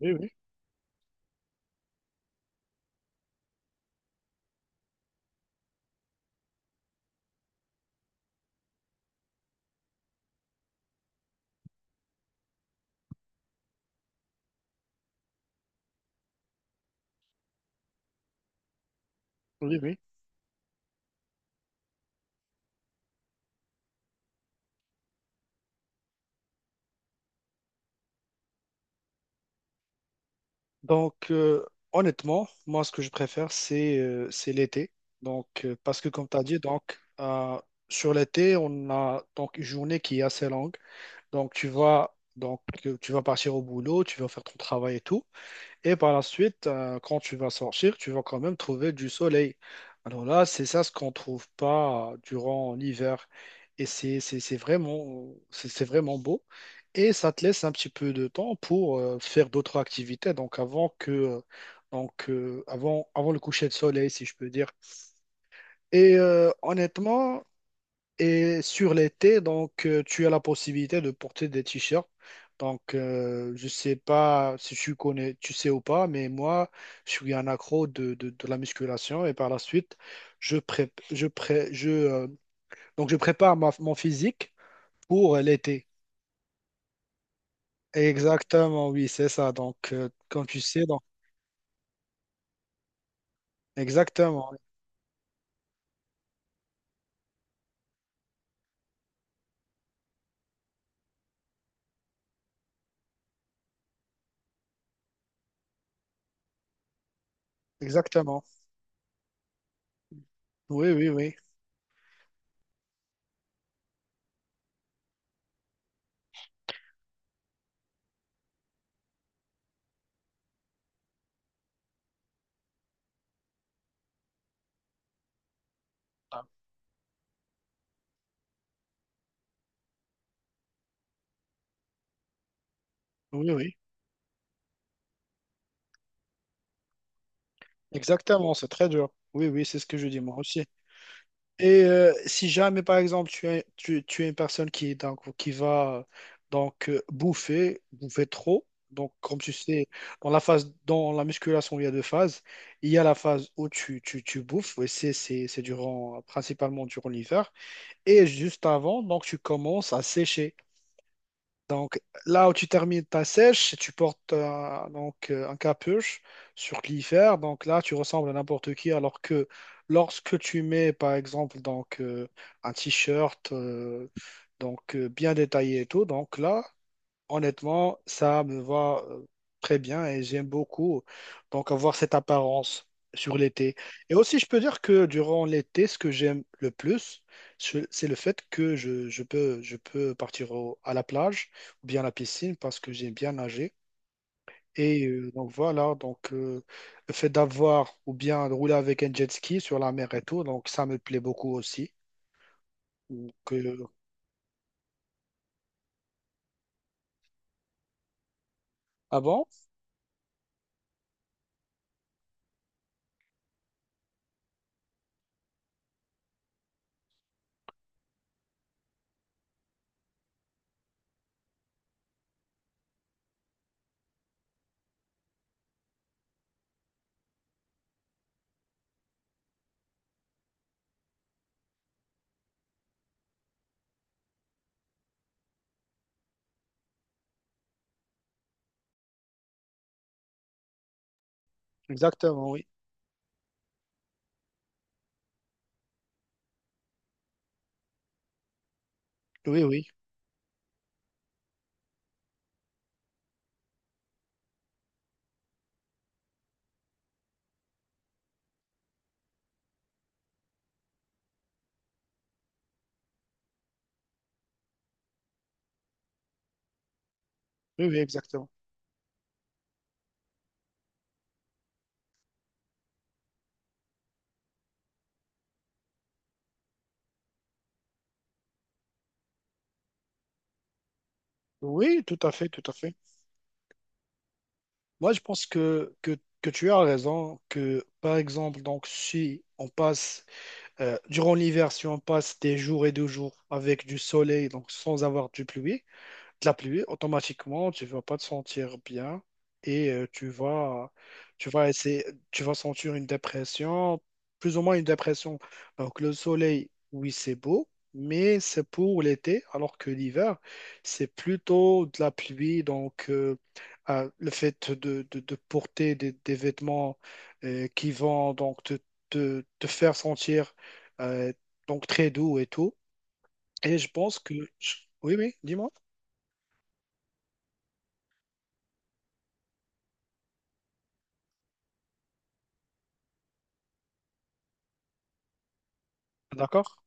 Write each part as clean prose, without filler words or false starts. Oui, oui, oui, oui. Donc, euh, Honnêtement, moi, ce que je préfère, c'est l'été. Parce que, comme tu as dit, sur l'été, on a donc une journée qui est assez longue. Donc, tu vas, tu vas partir au boulot, tu vas faire ton travail et tout. Et par la suite, quand tu vas sortir, tu vas quand même trouver du soleil. Alors là, c'est ça ce qu'on ne trouve pas durant l'hiver. Et c'est vraiment, c'est vraiment beau. Et ça te laisse un petit peu de temps pour faire d'autres activités. Donc avant que, avant le coucher de soleil, si je peux dire. Et honnêtement, et sur l'été, tu as la possibilité de porter des t-shirts. Je sais pas si tu connais, tu sais ou pas, mais moi, je suis un accro de la musculation et par la suite, je prép- je pré- je, donc je prépare mon physique pour l'été. Exactement, oui, c'est ça. Comme tu sais, donc, exactement, exactement. Oui, oui, oui. Ah, oui, oui, exactement, c'est très dur. Oui, oui, c'est ce que je dis moi aussi. Et si jamais, par exemple, tu es une personne qui, donc, qui va bouffer, bouffer trop, donc comme tu sais, dans la phase, dans la musculation, il y a deux phases. Il y a la phase où tu bouffes, et c'est durant, principalement durant l'hiver, et juste avant, donc tu commences à sécher. Donc, là où tu termines ta sèche, si tu portes un capuche sur l'hiver. Donc là, tu ressembles à n'importe qui. Alors que lorsque tu mets, par exemple, un t-shirt bien détaillé et tout, donc là, honnêtement, ça me va très bien et j'aime beaucoup donc avoir cette apparence sur l'été. Et aussi, je peux dire que durant l'été, ce que j'aime le plus, c'est le fait que je peux partir à la plage ou bien à la piscine parce que j'aime bien nager. Et le fait d'avoir ou bien de rouler avec un jet ski sur la mer et tout, donc ça me plaît beaucoup aussi. Donc, euh, ah bon? Exactement, oui. Oui, oui. Oui, oui, exactement. Oui, tout à fait, tout à fait. Moi, je pense que tu as raison, que par exemple, donc, si on passe, durant l'hiver, si on passe des jours et des jours avec du soleil, donc sans avoir de la pluie, automatiquement, tu vas pas te sentir bien et tu vas essayer, tu vas sentir une dépression, plus ou moins une dépression. Donc, le soleil, oui, c'est beau, mais c'est pour l'été, alors que l'hiver, c'est plutôt de la pluie. Le fait de porter des vêtements qui vont donc te faire sentir euh, donc très doux et tout. Et je pense que, oui, oui, dis-moi. D'accord.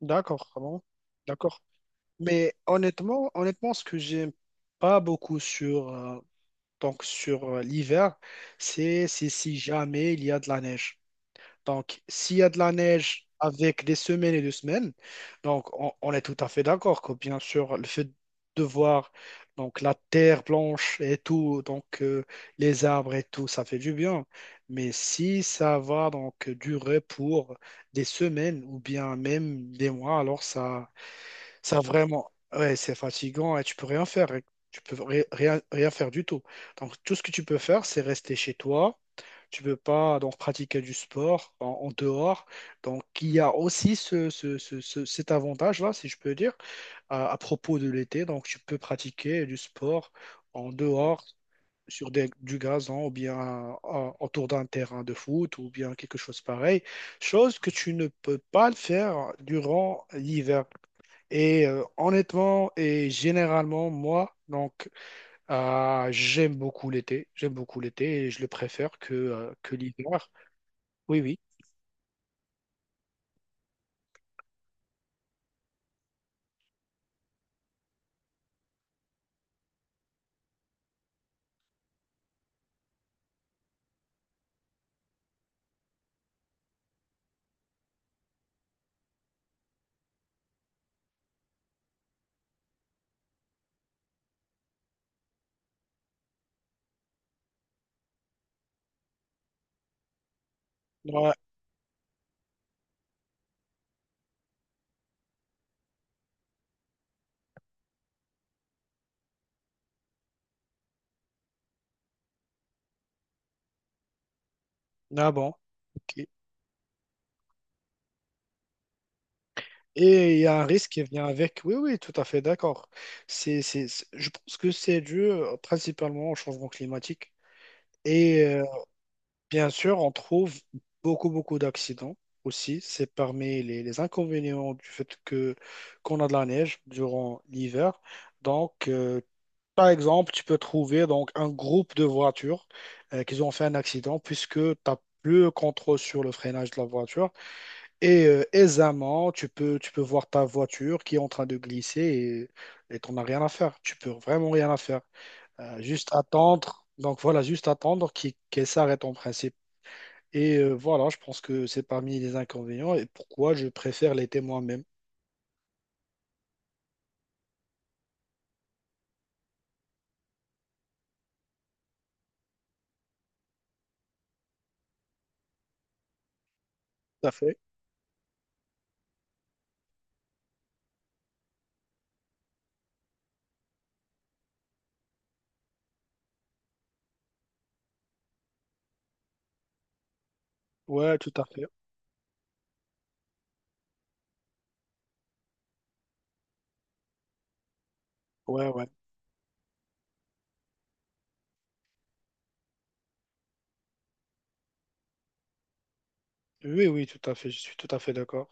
D'accord, ah bon, d'accord. Mais honnêtement, honnêtement, ce que j'aime pas beaucoup sur l'hiver, c'est si jamais il y a de la neige. Donc, s'il y a de la neige avec des semaines et des semaines, donc on est tout à fait d'accord que bien sûr, le fait de voir donc la terre blanche et tout, les arbres et tout, ça fait du bien. Mais si ça va donc durer pour des semaines ou bien même des mois, alors ça. Ça vraiment, ouais, c'est fatigant et tu peux rien faire. Rien faire du tout. Donc, tout ce que tu peux faire, c'est rester chez toi. Tu peux pas donc pratiquer du sport en dehors. Donc, il y a aussi cet avantage-là, si je peux dire, à propos de l'été. Donc, tu peux pratiquer du sport en dehors sur du gazon ou bien autour d'un terrain de foot ou bien quelque chose pareil. Chose que tu ne peux pas le faire durant l'hiver. Et honnêtement et généralement, moi, j'aime beaucoup l'été. J'aime beaucoup l'été et je le préfère que l'hiver. Oui, oui. Ouais. Ah bon, ok. Et il y a un risque qui vient avec. Oui, oui, tout à fait d'accord. Je pense que c'est dû principalement au changement climatique. Et bien sûr, on trouve beaucoup, beaucoup d'accidents aussi. C'est parmi les inconvénients du fait que qu'on a de la neige durant l'hiver. Donc, euh, Par exemple, tu peux trouver donc un groupe de voitures qui ont fait un accident puisque tu n'as plus le contrôle sur le freinage de la voiture. Et aisément, tu peux voir ta voiture qui est en train de glisser et t'en as rien à faire. Tu peux vraiment rien à faire. Juste attendre. Donc voilà, juste attendre qu'elle s'arrête en principe. Et voilà, je pense que c'est parmi les inconvénients et pourquoi je préfère l'été moi-même. Tout à fait. Ouais, tout à fait. Ouais, ouais. Oui, oui, tout à fait. Je suis tout à fait d'accord.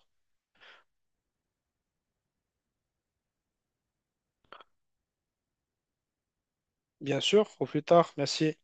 Bien sûr, au plus tard. Merci.